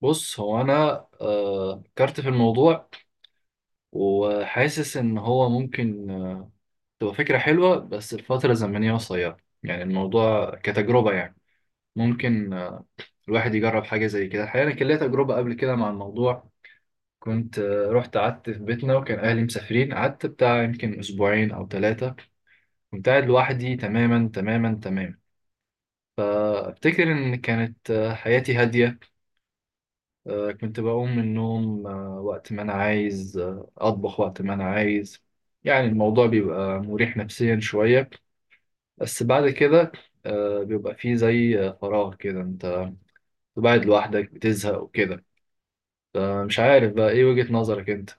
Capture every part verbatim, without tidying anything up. بص، هو انا آه، فكرت في الموضوع، وحاسس ان هو ممكن آه، تبقى فكره حلوه، بس الفتره الزمنيه قصيره. يعني الموضوع كتجربه، يعني ممكن آه، الواحد يجرب حاجه زي كده. الحقيقه انا كان ليا تجربه قبل كده مع الموضوع، كنت آه، رحت قعدت في بيتنا، وكان اهلي مسافرين، قعدت بتاع يمكن اسبوعين او ثلاثه. كنت قاعد لوحدي تماما تماما تماما. فافتكر ان كانت آه، حياتي هاديه. آه، كنت بقوم من النوم آه، وقت ما أنا عايز، آه، أطبخ وقت ما أنا عايز. يعني الموضوع بيبقى مريح نفسيا شوية، بس بعد كده آه، بيبقى فيه زي آه، فراغ كده. أنت قاعد لوحدك بتزهق وكده. فمش عارف بقى إيه وجهة نظرك أنت؟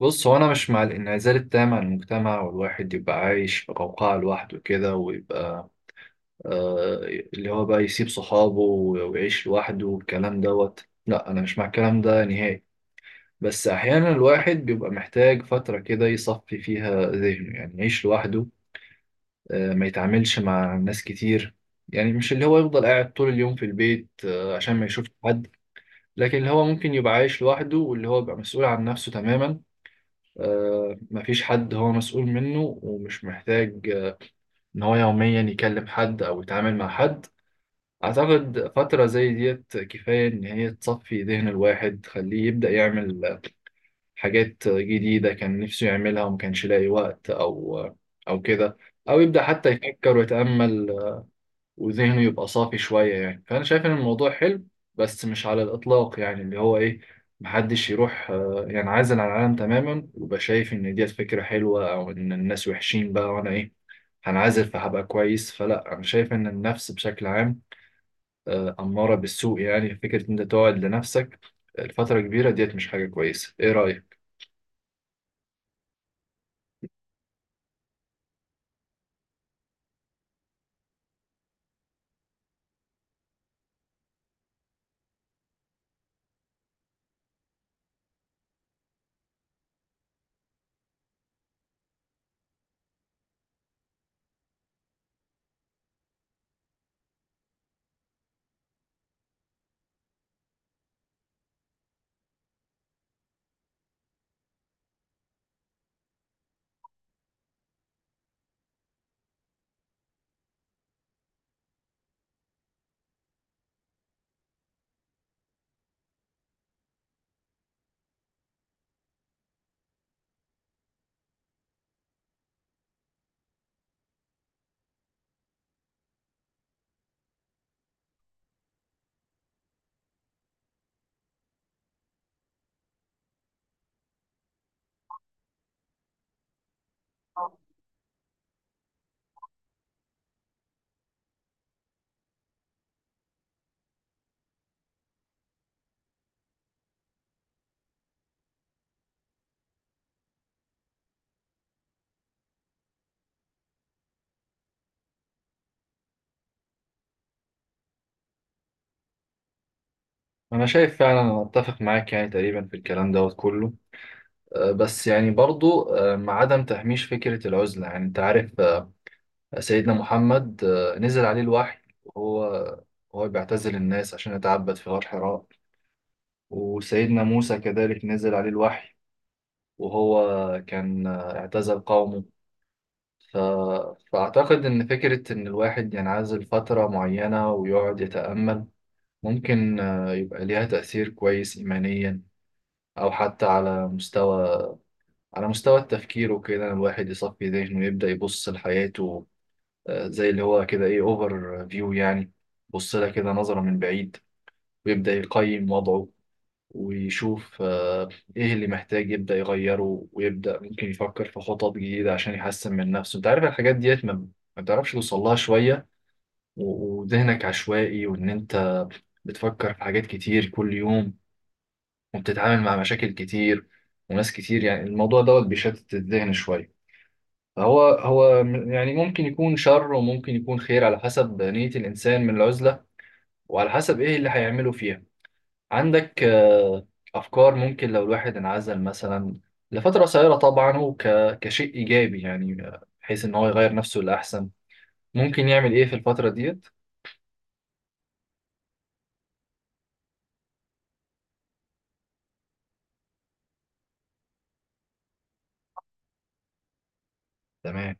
بص، هو أنا مش مع الانعزال التام عن المجتمع، والواحد يبقى عايش في قوقعة لوحده كده، ويبقى آه، اللي هو بقى يسيب صحابه ويعيش لوحده والكلام دوت. لا، أنا مش مع الكلام ده نهائي. بس أحيانا الواحد بيبقى محتاج فترة كده يصفي فيها ذهنه، يعني يعيش لوحده، آه، ما يتعاملش مع ناس كتير. يعني مش اللي هو يفضل قاعد طول اليوم في البيت آه، عشان ما يشوفش حد، لكن اللي هو ممكن يبقى عايش لوحده، واللي هو بيبقى مسؤول عن نفسه تماما، آه، مفيش حد هو مسؤول منه، ومش محتاج آه، إن هو يوميا يكلم حد أو يتعامل مع حد. أعتقد فترة زي ديت كفاية إن هي تصفي ذهن الواحد، تخليه يبدأ يعمل حاجات جديدة كان نفسه يعملها وما كانش لاقي وقت، أو أو كده، أو يبدأ حتى يفكر ويتأمل، وذهنه يبقى صافي شوية. يعني فأنا شايف إن الموضوع حلو، بس مش على الإطلاق، يعني اللي هو إيه، محدش يروح آه، ينعزل عن العالم تماما ويبقى شايف إن ديت فكرة حلوة، أو إن الناس وحشين بقى وأنا إيه، هنعزل فهبقى كويس. فلا، أنا شايف إن النفس بشكل عام آه، أمارة بالسوء. يعني فكرة إن أنت تقعد لنفسك لفترة كبيرة ديت مش حاجة كويسة. إيه رأيك؟ انا شايف فعلا، انا اتفق معاك يعني تقريبا في الكلام دوت كله. أه، بس يعني برضو أه، مع عدم تهميش فكرة العزلة. يعني انت عارف، أه، سيدنا محمد أه، نزل عليه الوحي، وهو هو بيعتزل الناس عشان يتعبد في غار حراء. وسيدنا موسى كذلك نزل عليه الوحي، وهو كان أه، اعتزل قومه. ف... فأعتقد إن فكرة إن الواحد ينعزل فترة معينة ويقعد يتأمل ممكن أه، يبقى ليها تأثير كويس إيمانيا، او حتى على مستوى، على مستوى التفكير وكده. الواحد يصفي ذهنه ويبدأ يبص لحياته، آه، زي اللي هو كده، ايه، اوفر فيو يعني. يبص لها كده نظرة من بعيد، ويبدأ يقيم وضعه، ويشوف آه، ايه اللي محتاج يبدأ يغيره، ويبدأ ممكن يفكر في خطط جديدة عشان يحسن من نفسه. انت عارف الحاجات ديت ما ما بتعرفش توصل لها شوية، و- وذهنك عشوائي، وان انت بتفكر في حاجات كتير كل يوم، وبتتعامل مع مشاكل كتير وناس كتير. يعني الموضوع دوت بيشتت الذهن شوية. فهو، هو م- يعني ممكن يكون شر وممكن يكون خير على حسب نية الإنسان من العزلة، وعلى حسب إيه اللي هيعمله فيها. عندك آه، أفكار ممكن لو الواحد انعزل مثلا لفترة قصيرة، طبعا هو ك- كشيء إيجابي، يعني آه، بحيث إن هو يغير نفسه لأحسن، ممكن يعمل إيه في الفترة ديت؟ تمام.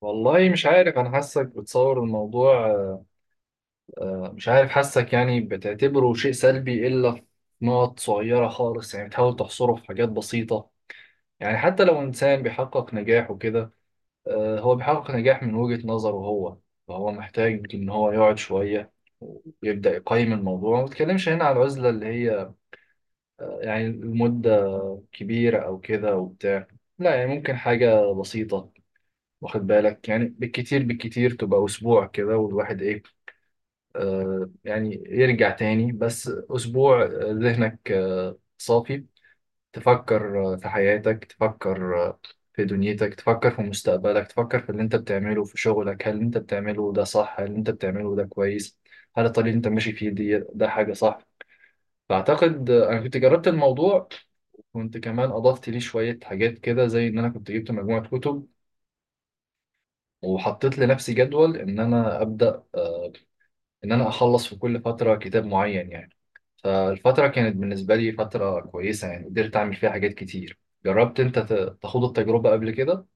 والله مش عارف، أنا حاسك بتصور الموضوع آه، آه، مش عارف، حاسك يعني بتعتبره شيء سلبي إلا في نقط صغيرة خالص. يعني بتحاول تحصره في حاجات بسيطة. يعني حتى لو إنسان بيحقق نجاح وكده، آه، هو بيحقق نجاح من وجهة نظره هو، فهو محتاج إن هو يقعد شوية ويبدأ يقيم الموضوع. ما بتكلمش هنا على العزلة اللي هي آه، يعني المدة كبيرة أو كده وبتاع، لا، يعني ممكن حاجة بسيطة واخد بالك. يعني بالكتير بالكتير تبقى أسبوع كده، والواحد إيه، آه، يعني يرجع تاني. بس أسبوع آه، ذهنك آه، صافي، تفكر آه، في حياتك، تفكر آه، في دنيتك، تفكر في مستقبلك، تفكر في اللي أنت بتعمله في شغلك، هل أنت بتعمله ده صح، هل أنت بتعمله ده كويس، هل الطريق اللي أنت ماشي فيه دي ده حاجة صح؟ فأعتقد آه، أنا كنت جربت الموضوع، وكنت كمان أضفت ليه شوية حاجات كده، زي إن أنا كنت جبت مجموعة كتب، وحطيت لنفسي جدول إن أنا أبدأ ان انا اخلص في كل فتره كتاب معين، يعني. فالفتره كانت بالنسبه لي فتره كويسه، يعني قدرت اعمل فيها حاجات كتير. جربت انت ت- تخوض التجربه قبل كده؟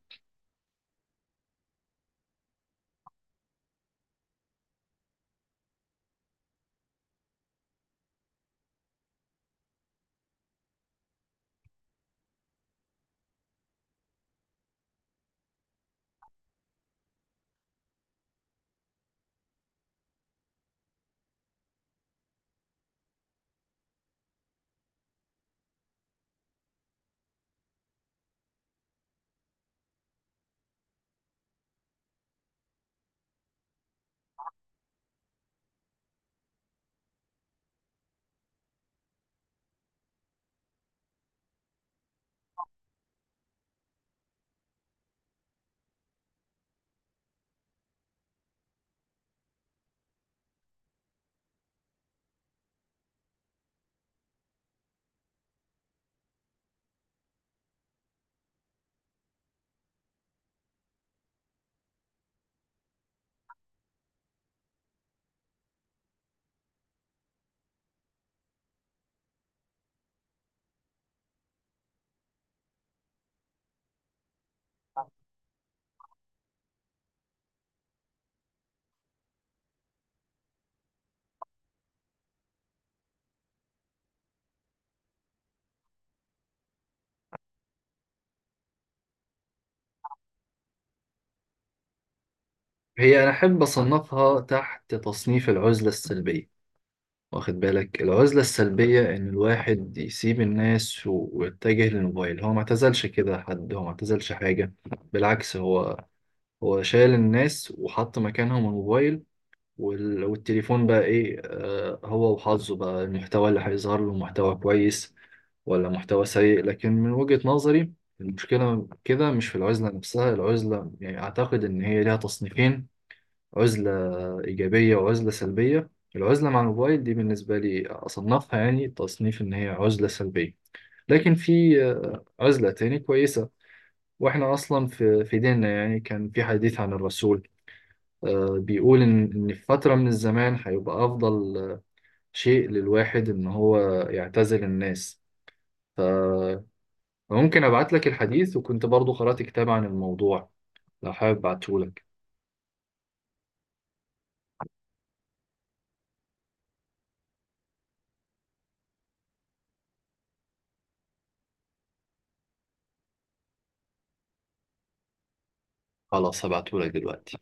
هي أنا أحب أصنفها تحت تصنيف العزلة السلبية. واخد بالك، العزلة السلبية إن الواحد يسيب الناس و- ويتجه للموبايل. هو ما اعتزلش كده حد، هو ما اعتزلش حاجة. بالعكس، هو هو شال الناس وحط مكانهم الموبايل. وال- والتليفون بقى ايه، آه، هو وحظه، بقى المحتوى اللي هيظهر له محتوى كويس ولا محتوى سيء. لكن من وجهة نظري المشكلة كده مش في العزلة نفسها. العزلة يعني أعتقد إن هي ليها تصنيفين، عزلة إيجابية وعزلة سلبية. العزلة مع الموبايل دي بالنسبة لي أصنفها يعني تصنيف إن هي عزلة سلبية. لكن في آه، عزلة تاني كويسة. وإحنا أصلا في في ديننا، يعني كان في حديث عن الرسول آه، بيقول إن، إن في فترة من الزمان هيبقى أفضل شيء للواحد إن هو يعتزل الناس. فممكن أبعت لك الحديث، وكنت برضو قرأت كتاب عن الموضوع، لو حابب أبعته لك. خلاص هبعته لك دلوقتي